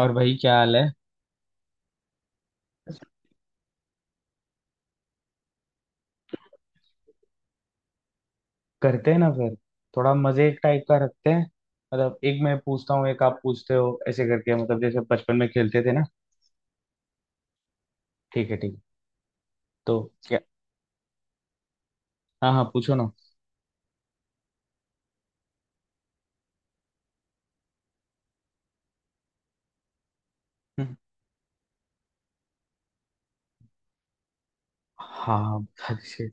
और भाई क्या हाल है? करते हैं ना फिर। थोड़ा मजे टाइप का रखते हैं। मतलब एक मैं पूछता हूँ एक आप पूछते हो ऐसे करके, मतलब जैसे बचपन में खेलते थे ना। ठीक है ठीक है। तो क्या? हाँ हाँ पूछो ना। हम्म। हाँ। shit!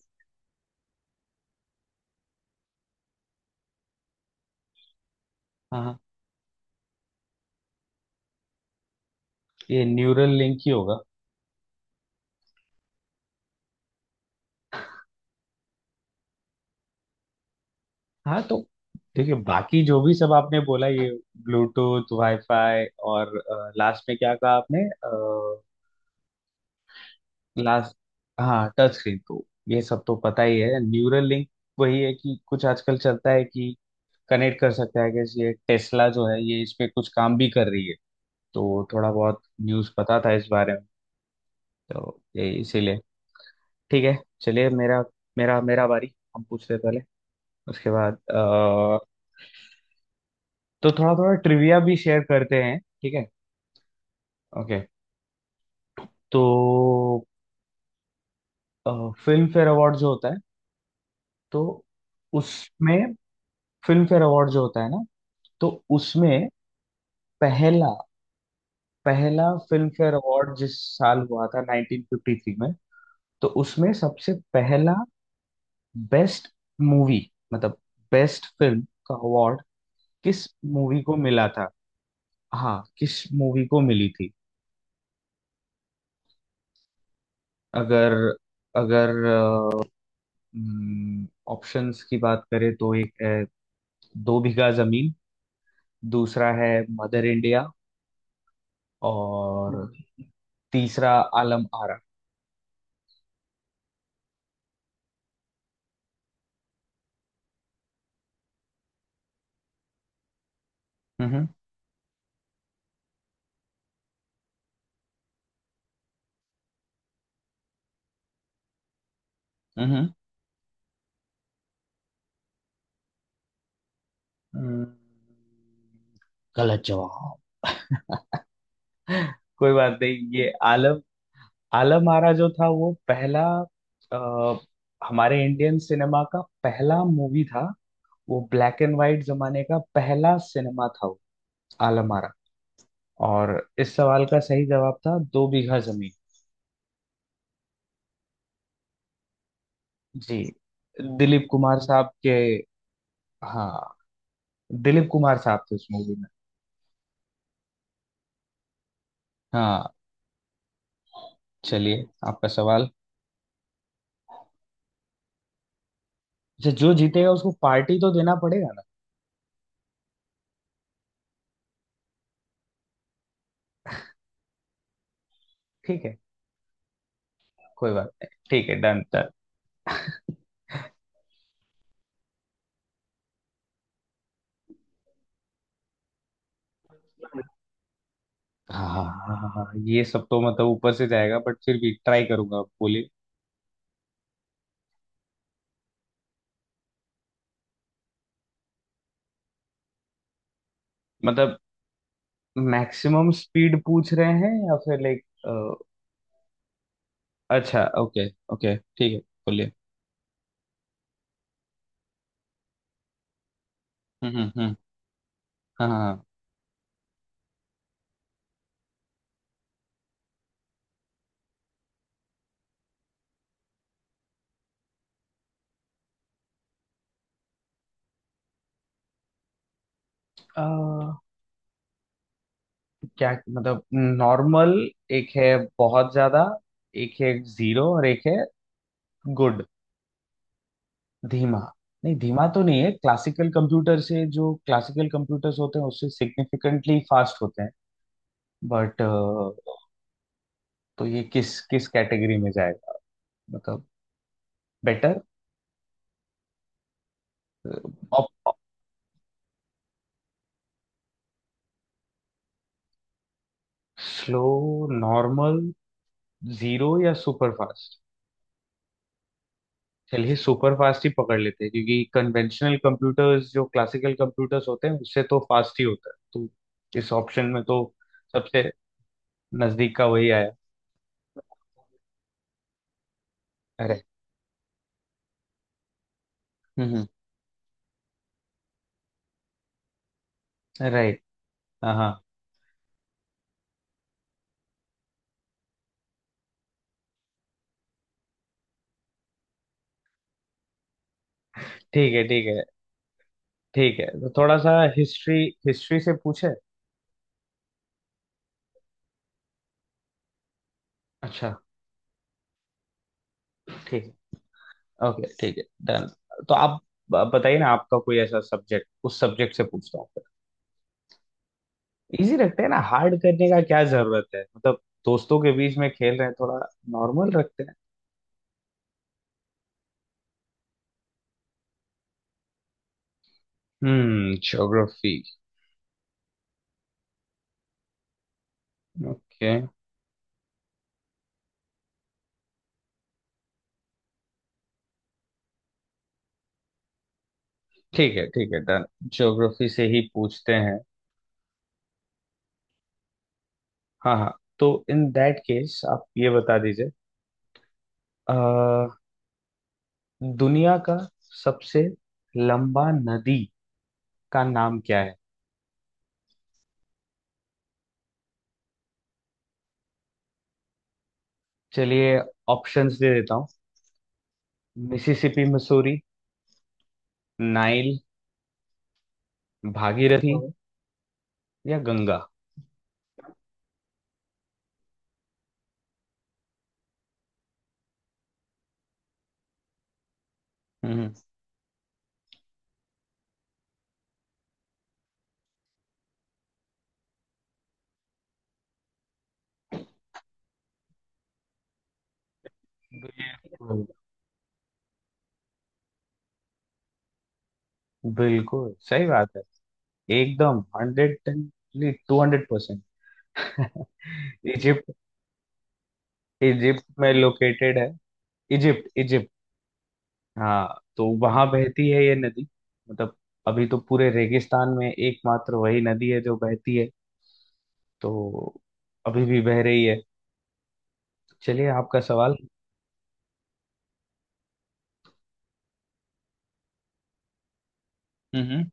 हाँ हाँ। ये न्यूरल लिंक ही होगा। हाँ तो देखिए बाकी जो भी सब आपने बोला ये ब्लूटूथ वाईफाई और लास्ट में क्या कहा आपने? लास्ट? हाँ टच स्क्रीन तो ये सब तो पता ही है। न्यूरल लिंक वही है कि कुछ आजकल चलता है कि कनेक्ट कर सकते हैं, कि ये टेस्ला जो है ये इस पे कुछ काम भी कर रही है, तो थोड़ा बहुत न्यूज़ पता था इस बारे में, तो ये इसीलिए। ठीक है। चलिए मेरा मेरा मेरा बारी, हम पूछते हैं पहले, उसके बाद तो थोड़ा थोड़ा ट्रिविया भी शेयर करते हैं ठीक है। ओके। तो फिल्म फेयर अवार्ड जो होता है, तो उसमें, फिल्म फेयर अवार्ड जो होता है ना, तो उसमें पहला पहला फिल्म फेयर अवार्ड जिस साल हुआ था 1953 में, तो उसमें सबसे पहला बेस्ट मूवी, मतलब बेस्ट फिल्म का अवार्ड किस मूवी को मिला था? हाँ किस मूवी को मिली थी? अगर अगर ऑप्शंस की बात करें तो एक है दो बीघा जमीन, दूसरा है मदर इंडिया, और तीसरा आलम आरा। हम्म हम्म। हम्म। गलत जवाब। कोई बात नहीं। ये आलम आलम आरा जो था वो पहला अ, हमारे इंडियन सिनेमा का पहला मूवी था। वो ब्लैक एंड व्हाइट जमाने का पहला सिनेमा था वो, आलम आरा। और इस सवाल का सही जवाब था दो बीघा जमीन। जी। दिलीप कुमार साहब के। हाँ। दिलीप कुमार साहब थे उस मूवी में। हाँ चलिए आपका सवाल। अच्छा जो जीतेगा उसको पार्टी तो देना पड़ेगा ना? ठीक है। कोई बात नहीं, ठीक है, डन। हाँ ये सब तो मतलब ऊपर से जाएगा बट फिर भी ट्राई करूंगा, आप बोलिए। मतलब मैक्सिमम स्पीड पूछ रहे हैं या फिर लाइक? अच्छा ओके। ओके ठीक है बोलिए। हम्म हम्म हम्म, हाँ हाँ। हाँ। क्या मतलब नॉर्मल? एक है बहुत ज्यादा, एक है जीरो, और एक है गुड, धीमा। नहीं धीमा तो नहीं है, क्लासिकल कंप्यूटर से, जो क्लासिकल कंप्यूटर्स होते हैं उससे सिग्निफिकेंटली फास्ट होते हैं। बट तो ये किस किस कैटेगरी में जाएगा, मतलब बेटर? स्लो, नॉर्मल, जीरो या सुपर फास्ट? चलिए सुपर फास्ट ही पकड़ लेते हैं, क्योंकि कन्वेंशनल कंप्यूटर्स जो क्लासिकल कंप्यूटर्स होते हैं उससे तो फास्ट ही होता है, तो इस ऑप्शन में तो सबसे नजदीक का वही आया। अरे। हम्म। राइट। हाँ हाँ। ठीक है ठीक है। ठीक है तो थोड़ा सा हिस्ट्री हिस्ट्री से पूछे? अच्छा। ठीक है ओके, ठीक है डन। तो आप बताइए ना आपका कोई ऐसा सब्जेक्ट, उस सब्जेक्ट से पूछता हूँ। इजी रखते हैं ना, हार्ड करने का क्या जरूरत है, मतलब दोस्तों के बीच में खेल रहे हैं थोड़ा। नॉर्मल रखते हैं। Hmm, geography. ओके। ठीक है डन, ज्योग्राफी से ही पूछते हैं। हाँ हाँ तो इन दैट केस आप ये बता दीजिए। अ, दुनिया का सबसे लंबा नदी का नाम क्या है? चलिए ऑप्शंस दे देता हूँ। मिसिसिपी मसूरी, नाइल, भागीरथी, हाँ, या गंगा? हम्म। बिल्कुल। बिल्कुल सही बात है। एकदम hundred. Two hundred percent. Egypt. Egypt में लोकेटेड है। Egypt Egypt. हाँ तो वहां बहती है ये नदी। मतलब अभी तो पूरे रेगिस्तान में एकमात्र वही नदी है जो बहती है, तो अभी भी बह रही है। चलिए आपका सवाल। हम्म हम्म।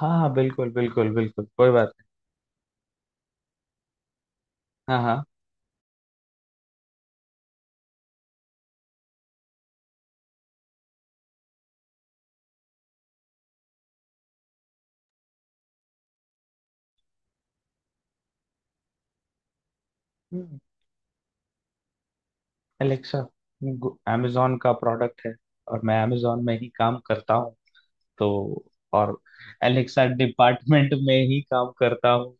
हाँ हाँ बिल्कुल बिल्कुल बिल्कुल, कोई बात नहीं। हाँ हाँ। अलेक्सा। अमेजोन का प्रोडक्ट है, और मैं अमेजोन में ही काम करता हूँ। तो, और एलेक्सा डिपार्टमेंट में ही काम करता हूँ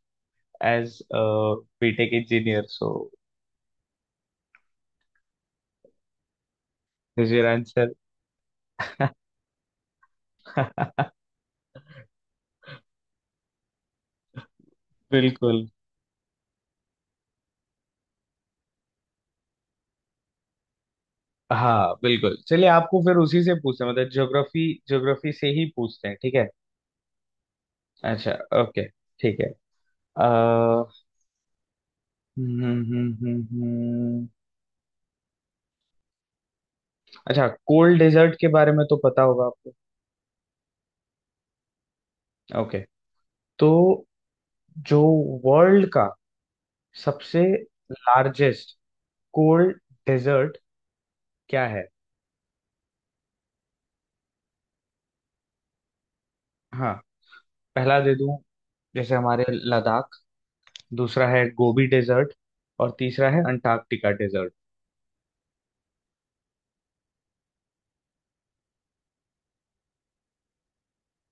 as BTech engineer. So is your answer. बिल्कुल। हाँ बिल्कुल चलिए आपको फिर उसी से पूछते हैं, मतलब ज्योग्राफी, ज्योग्राफी से ही पूछते हैं ठीक है। अच्छा ओके ठीक है। अ, हम्म हम्म हम्म हम्म। अच्छा कोल्ड डेजर्ट के बारे में तो पता होगा आपको? ओके। तो जो वर्ल्ड का सबसे लार्जेस्ट कोल्ड डेजर्ट क्या है? हाँ पहला दे दूं, जैसे हमारे लद्दाख। दूसरा है गोबी डेजर्ट। और तीसरा है अंटार्कटिका डेजर्ट।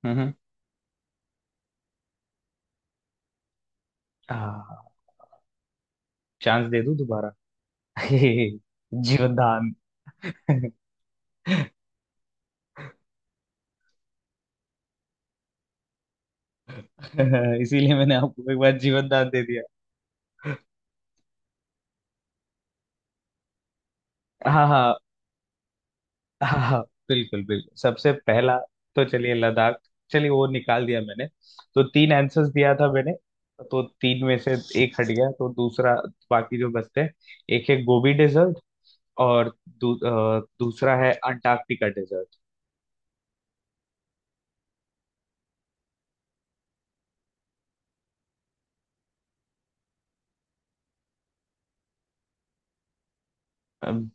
हम्म हम्म। हाँ चांस दे दूं दोबारा? जीवनदान। इसीलिए मैंने आपको एक बार जीवनदान दे दिया। हाँ हाँ। हाँ हाँ। बिल्कुल बिल्कुल सबसे पहला, तो चलिए लद्दाख, चलिए वो निकाल दिया मैंने। तो तीन आंसर्स दिया था मैंने, तो तीन में से एक हट गया, तो दूसरा, बाकी जो बचते हैं, एक है गोबी डेजर्ट और दूसरा है अंटार्कटिका डेजर्ट।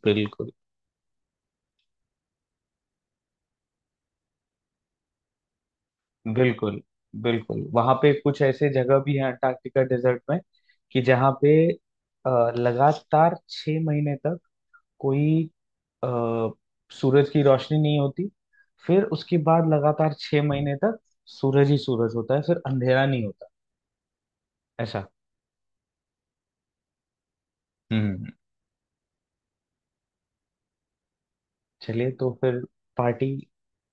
बिल्कुल। बिल्कुल, बिल्कुल, वहां पे कुछ ऐसे जगह भी है अंटार्कटिका डेजर्ट में, कि जहाँ पे अ, लगातार 6 महीने तक कोई अ, सूरज की रोशनी नहीं होती। फिर उसके बाद लगातार छह महीने तक सूरज ही सूरज होता है, फिर अंधेरा नहीं होता ऐसा। हम्म। चलिए तो फिर पार्टी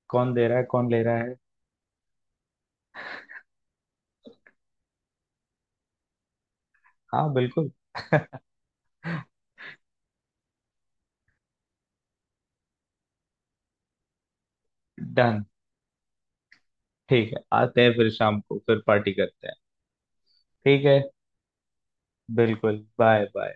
कौन दे रहा है, कौन ले रहा है? हाँ बिल्कुल। डन। ठीक है आते हैं फिर शाम को, फिर पार्टी करते हैं। ठीक है। बिल्कुल, बाय बाय।